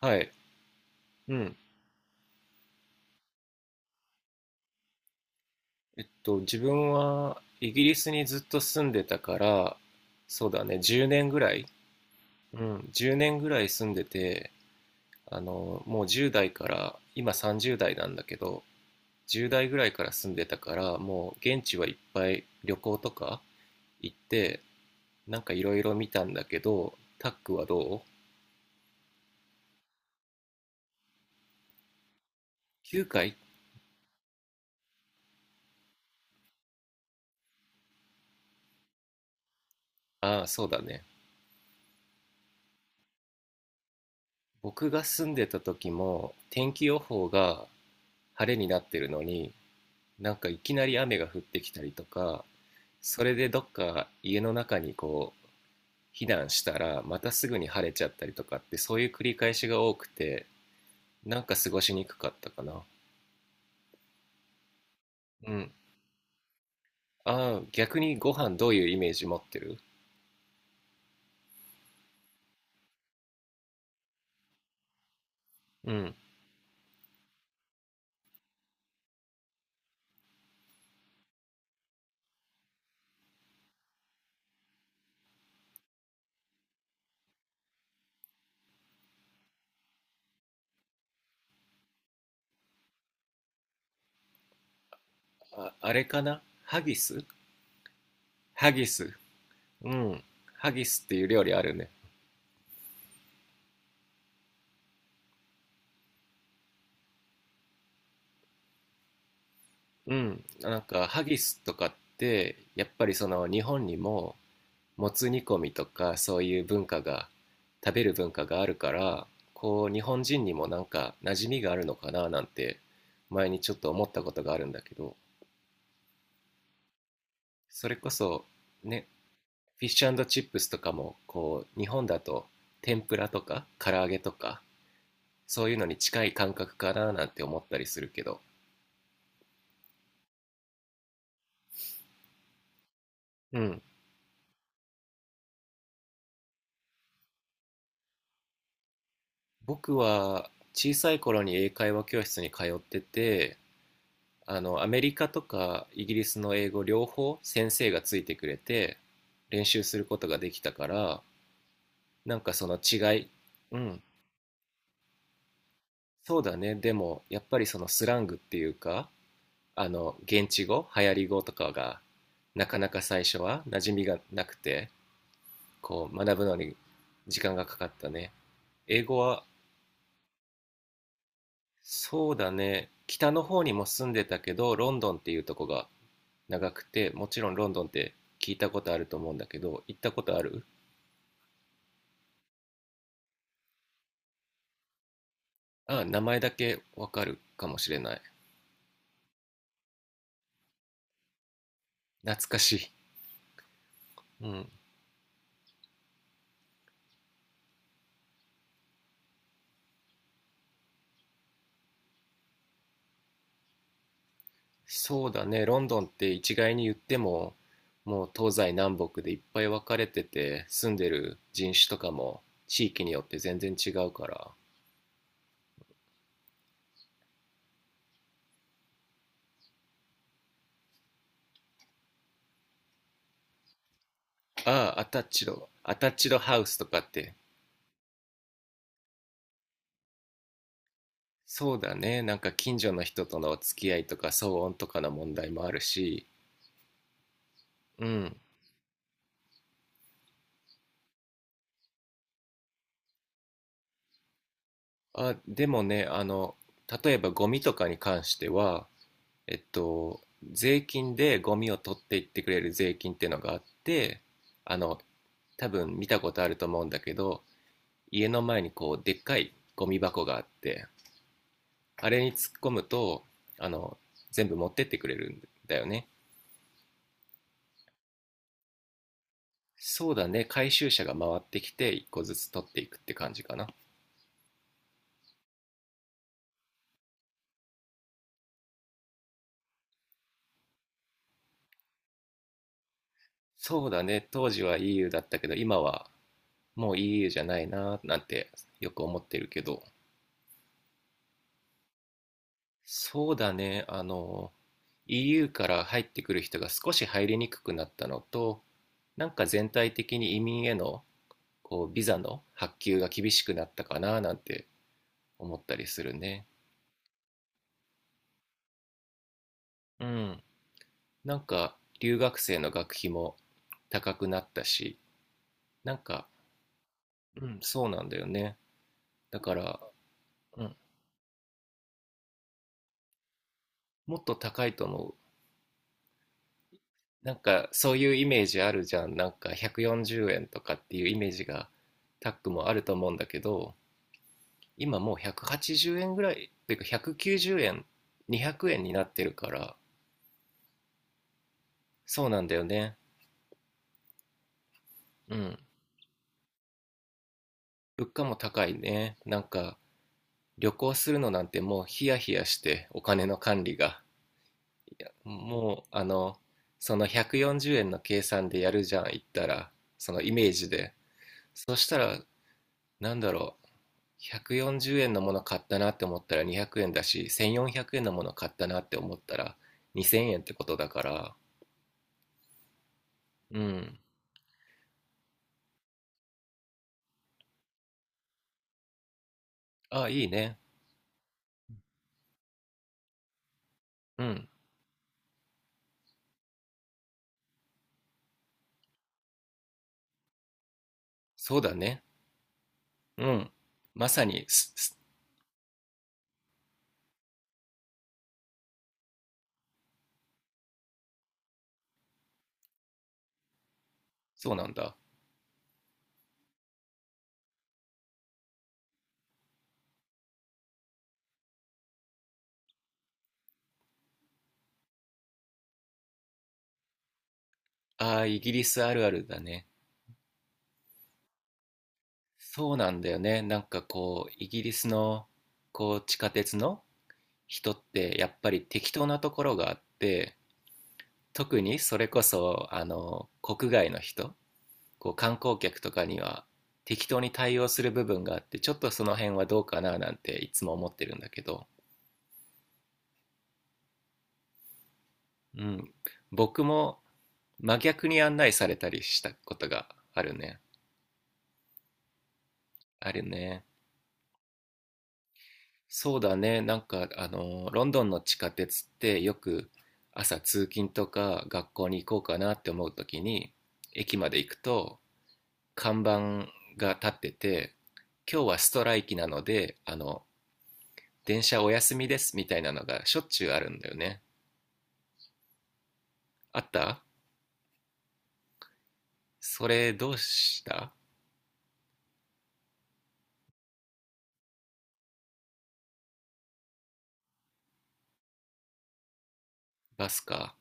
はい。うん。自分はイギリスにずっと住んでたから、そうだね、10年ぐらい、うん、10年ぐらい住んでて、もう10代から、今30代なんだけど、10代ぐらいから住んでたから、もう現地はいっぱい旅行とか行って、なんかいろいろ見たんだけど、タックはどう？ 9 回？ああ、そうだね。僕が住んでた時も天気予報が晴れになってるのに、なんかいきなり雨が降ってきたりとか、それでどっか家の中にこう避難したらまたすぐに晴れちゃったりとかってそういう繰り返しが多くて、なんか過ごしにくかったかな。うん。ああ、逆にご飯どういうイメージ持ってる？うん。あ、あれかなハギス？ハギス。うん。ハギスっていう料理あるね。うん。なんかハギスとかってやっぱりその日本にももつ煮込みとかそういう文化が食べる文化があるからこう日本人にもなんか馴染みがあるのかななんて前にちょっと思ったことがあるんだけど、それこそね。フィッシュチップスとかもこう日本だと天ぷらとか唐揚げとかそういうのに近い感覚かななんて思ったりするけど。うん。僕は小さい頃に英会話教室に通ってて、アメリカとかイギリスの英語両方先生がついてくれて練習することができたから、なんかその違い。うん、そうだね。でもやっぱりそのスラングっていうか、現地語流行り語とかがなかなか最初は馴染みがなくてこう学ぶのに時間がかかったね、英語は。そうだね、北の方にも住んでたけどロンドンっていうとこが長くて、もちろんロンドンって聞いたことあると思うんだけど、行ったことある？ああ、名前だけわかるかもしれない。懐かしい。うん。そうだね、ロンドンって一概に言っても、もう東西南北でいっぱい分かれてて、住んでる人種とかも地域によって全然違うから。ああ、アタッチド、アタッチドハウスとかって。そうだね、なんか近所の人との付き合いとか騒音とかの問題もあるし、うん。あ、でもね、例えばゴミとかに関しては、えっと、税金でゴミを取っていってくれる税金っていうのがあって、あの、多分見たことあると思うんだけど、家の前にこう、でっかいゴミ箱があって、あれに突っ込むと、あの、全部持ってってくれるんだよね。そうだね、回収車が回ってきて、一個ずつ取っていくって感じかな。そうだね、当時は EU だったけど、今はもう EU じゃないな、なんてよく思ってるけど。そうだね。EU から入ってくる人が少し入りにくくなったのと、なんか全体的に移民へのこうビザの発給が厳しくなったかななんて思ったりするね。うん。なんか留学生の学費も高くなったし、なんか、うん、そうなんだよね。だから、うん、もっと高いと思う。なんかそういうイメージあるじゃん。なんか140円とかっていうイメージがタックもあると思うんだけど、今もう180円ぐらい、ていうか190円、200円になってるから、そうなんだよね。うん。物価も高いね。なんか、旅行するのなんてもうヒヤヒヤして、お金の管理が。もう、その140円の計算でやるじゃん、言ったら、そのイメージで。そしたら、なんだろう、140円のもの買ったなって思ったら200円だし、1400円のもの買ったなって思ったら2000円ってことだから、うん。あ、いいね。うん。そうだね。うん。まさに、そうなんだ。ああ、イギリスあるあるだね。そうなんだよね。なんかこう、イギリスの、こう、地下鉄の人って、やっぱり適当なところがあって、特にそれこそ、国外の人、こう、観光客とかには、適当に対応する部分があって、ちょっとその辺はどうかななんていつも思ってるんだけど。うん。僕も真逆に案内されたりしたことがあるね。あるね。そうだね。なんか、ロンドンの地下鉄ってよく朝通勤とか学校に行こうかなって思うときに、駅まで行くと看板が立ってて、今日はストライキなので、電車お休みですみたいなのがしょっちゅうあるんだよね。あった？それどうした？バスか。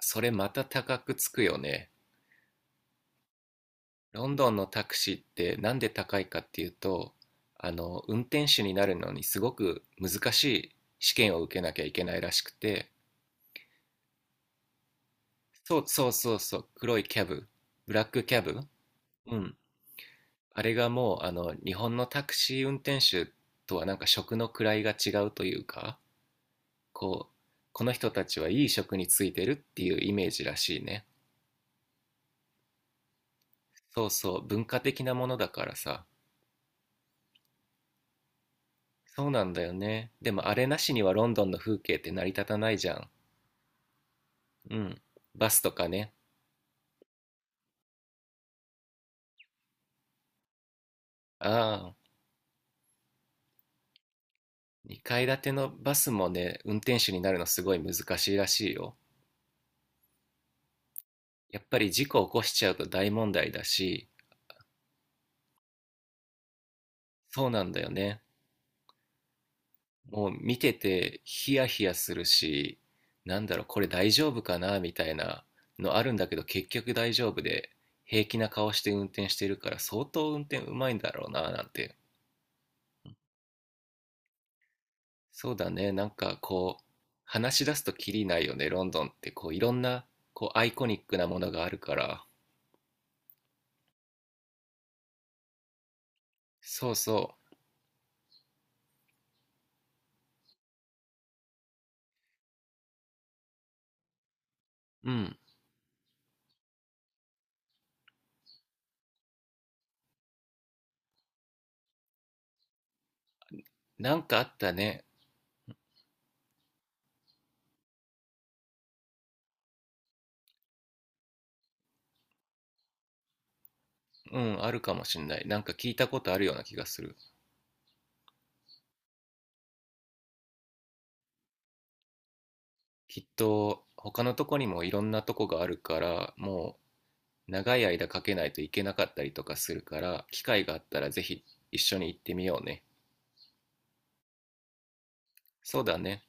それまた高くつくよね。ロンドンのタクシーってなんで高いかっていうと、運転手になるのにすごく難しい試験を受けなきゃいけないらしくて、そうそうそうそう、黒いキャブ、ブラックキャブ。うん、あれがもう、日本のタクシー運転手とはなんか職の位が違うというか、こう、この人たちはいい職についてるっていうイメージらしいね。そうそう、文化的なものだからさ。そうなんだよね。でもあれなしにはロンドンの風景って成り立たないじゃん。うん。バスとかね。ああ、2階建てのバスもね、運転手になるのすごい難しいらしいよ。やっぱり事故起こしちゃうと大問題だし、そうなんだよね。もう見ててヒヤヒヤするし、なんだろう、これ大丈夫かなみたいなのあるんだけど、結局大丈夫で、平気な顔して運転してるから、相当運転うまいんだろうな、なんて。そうだね。なんかこう、話し出すとキリないよね。ロンドンってこう、いろんなこう、アイコニックなものがあるから。そうそう。うん。なんかあったね。うん、あるかもしんない。なんか聞いたことあるような気がする。きっと、他のとこにもいろんなとこがあるから、もう、長い間かけないといけなかったりとかするから、機会があったらぜひ一緒に行ってみようね。そうだね。